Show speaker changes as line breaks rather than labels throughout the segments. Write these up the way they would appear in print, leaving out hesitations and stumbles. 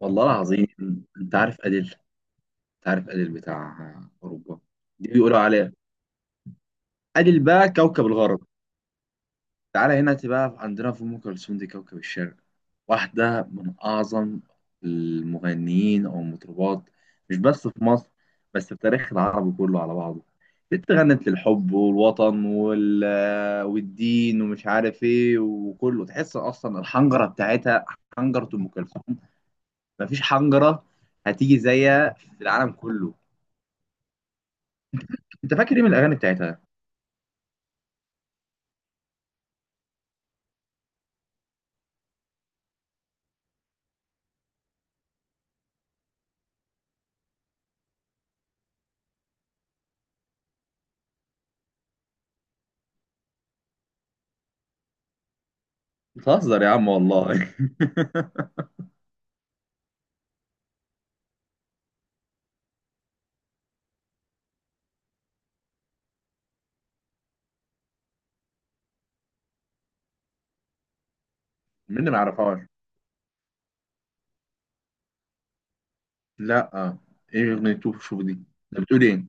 والله العظيم. انت عارف اديل انت عارف اديل بتاع اوروبا. دي بيقولوا عليها اديل بقى كوكب الغرب. تعالى هنا بقى، عندنا في ام كلثوم دي كوكب الشرق. واحده من اعظم المغنيين او المطربات، مش بس في مصر، بس في تاريخ العرب كله على بعضه. بنت غنت للحب والوطن والدين ومش عارف ايه، وكله تحس اصلا الحنجره بتاعتها. حنجره ام كلثوم، مفيش حنجره هتيجي زيها في العالم كله. انت فاكر ايه من الاغاني بتاعتها؟ بتهزر يا عم والله. مين اللي ما يعرفهاش؟ لا، ايه اغنيه شوف شوف دي؟ انت بتقول ايه؟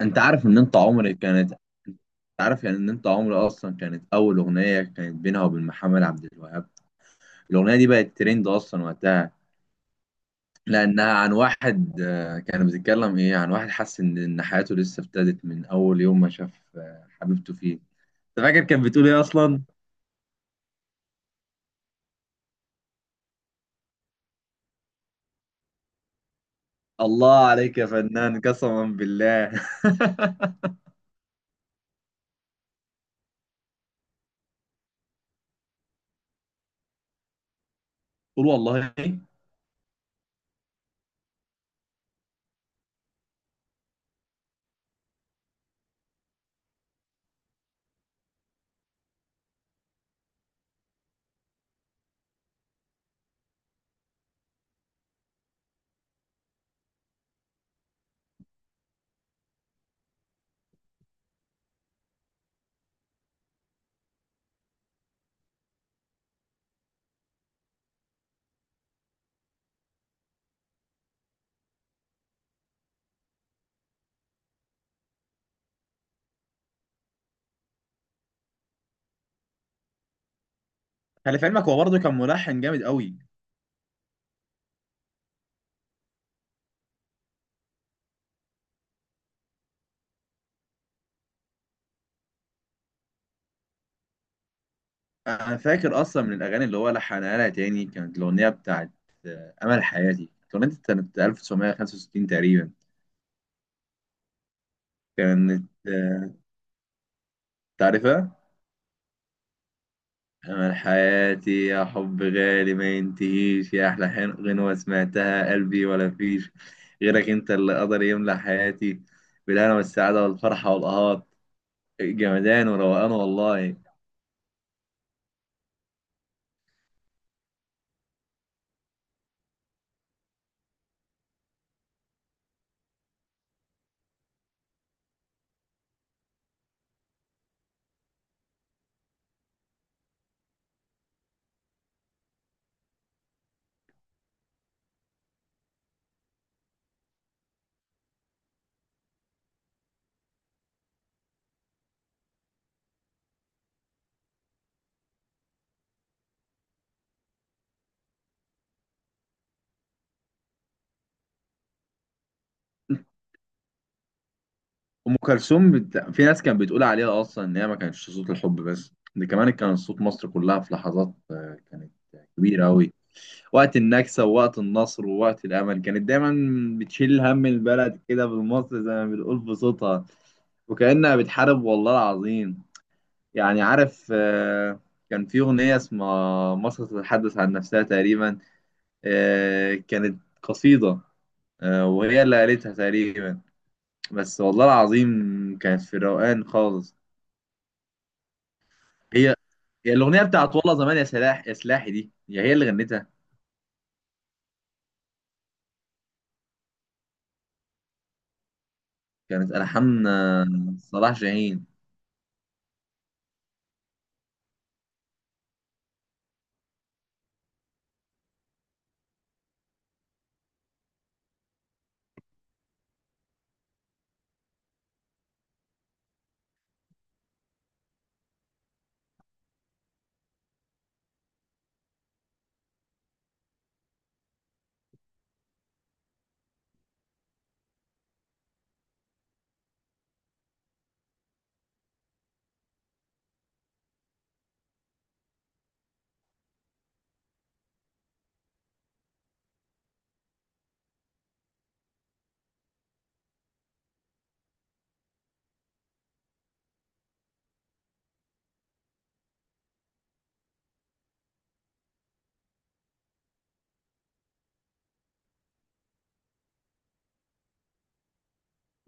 انت عارف ان انت عمري كانت انت عارف يعني ان انت عمري اصلا كانت اول اغنيه كانت بينها وبين محمد عبد الوهاب. الاغنيه دي بقت ترند اصلا وقتها. لانها عن واحد، كان بيتكلم ايه، عن واحد حس ان حياته لسه ابتدت من اول يوم ما شاف حبيبته فيه. انت فاكر كانت بتقول ايه اصلا؟ الله عليك يا فنان، قسما بالله. قول والله. خلي في علمك، هو برضه كان ملحن جامد قوي. انا فاكر اصلا من الاغاني اللي هو لحنها لها تاني كانت الاغنيه بتاعت امل حياتي. الاغنيه دي كانت 1965 تقريبا. كانت. تعرفها؟ امل حياتي يا حب غالي ما ينتهيش، يا احلى غنوه سمعتها قلبي ولا فيش غيرك، انت اللي قدر يملى حياتي بالهنا والسعاده والفرحه والقهات. جمدان وروقان والله. في ناس كانت بتقول عليها اصلا ان هي ما كانتش صوت الحب بس، ده كمان كان صوت مصر كلها. في لحظات كانت كبيره قوي. وقت النكسه ووقت النصر ووقت الامل كانت دايما بتشيل هم البلد كده بالمصري زي ما بنقول بصوتها، وكانها بتحارب، والله العظيم. يعني عارف. كان في اغنيه اسمها مصر تتحدث عن نفسها تقريبا. كانت قصيده، وهي اللي قالتها تقريبا. بس والله العظيم كانت في الروقان خالص. هي هي الأغنية بتاعت والله زمان، يا سلاحي، دي هي اللي غنتها. كانت ألحان صلاح جاهين.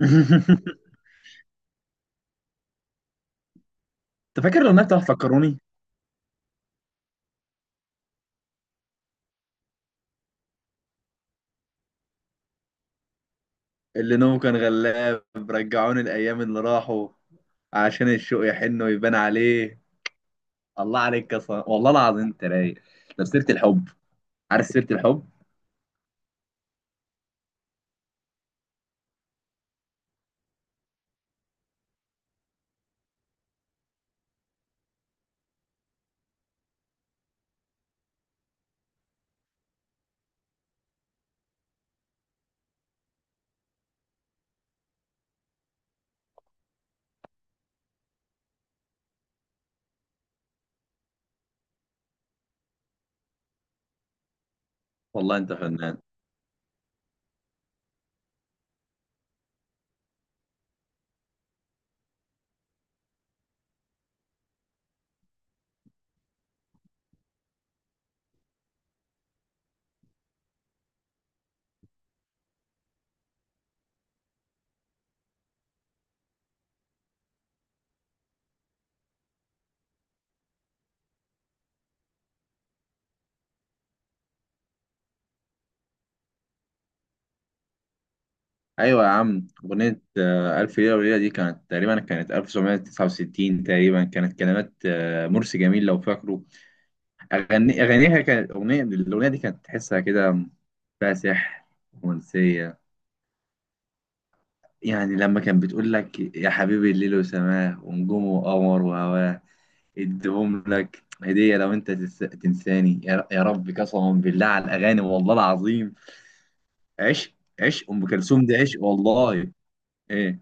أنت فاكر الأغنية بتاعت فكروني؟ اللي نومه كان غلاب، رجعوني الأيام اللي راحوا، عشان الشوق يحن ويبان عليه. الله عليك يا صلاح، والله العظيم أنت رايق. طب سيرة الحب، عارف سيرة الحب؟ والله أنت فنان. أيوة يا عم، أغنية ألف ليلة وليلة دي كانت 1969 تقريبا. كانت كلمات مرسي جميل، لو فاكره. أغانيها كانت الأغنية دي كانت تحسها كده، فيها سحر، رومانسية. يعني لما كان بتقول لك يا حبيبي، الليل وسماه ونجومه وقمر وهواه اديهم لك هدية، لو أنت تنساني، يا رب، قسما بالله على الأغاني، والله العظيم. عشق. عشق أم كلثوم دي عشق والله. إيه.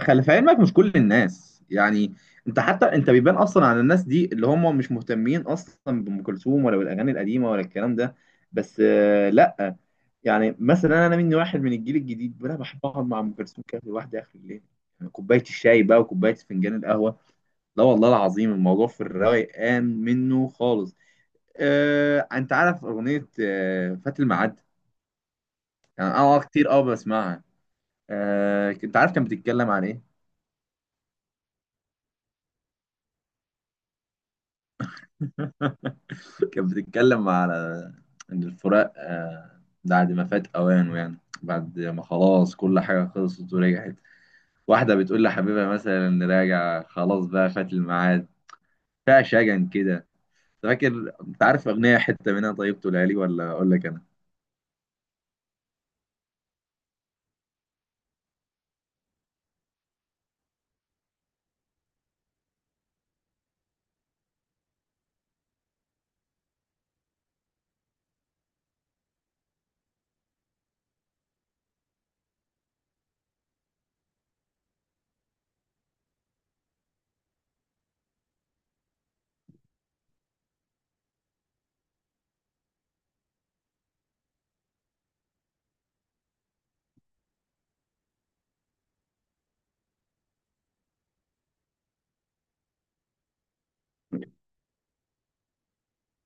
خلي في علمك، مش كل الناس يعني. انت حتى انت بيبان اصلا على الناس دي اللي هم مش مهتمين اصلا بام كلثوم، ولا بالاغاني القديمه، ولا الكلام ده. بس. لا، يعني مثلا انا مني واحد من الجيل الجديد، انا بحب اقعد مع ام كلثوم كده لوحدي اخر الليل. يعني كوبايه الشاي بقى، وكوبايه فنجان القهوه. لا والله العظيم، الموضوع في الروقان منه خالص. انت عارف اغنيه فات الميعاد؟ يعني انا كتير بسمعها. انت عارف كانت بتتكلم عن ايه؟ كانت بتتكلم على ان الفراق بعد ما فات اوانه، يعني بعد ما خلاص كل حاجه خلصت ورجعت. واحده بتقول لحبيبها مثلا راجع، خلاص بقى فات الميعاد. فيها شجن كده. فاكر؟ انت عارف اغنيه حته منها؟ طيب تقولها لي ولا اقول لك انا؟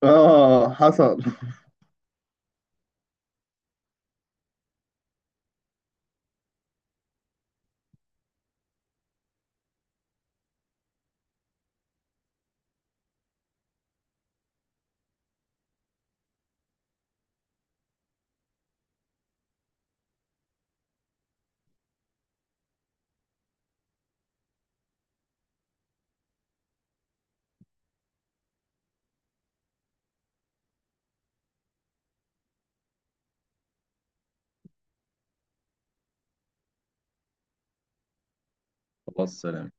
اه حصل. خلاص، سلام.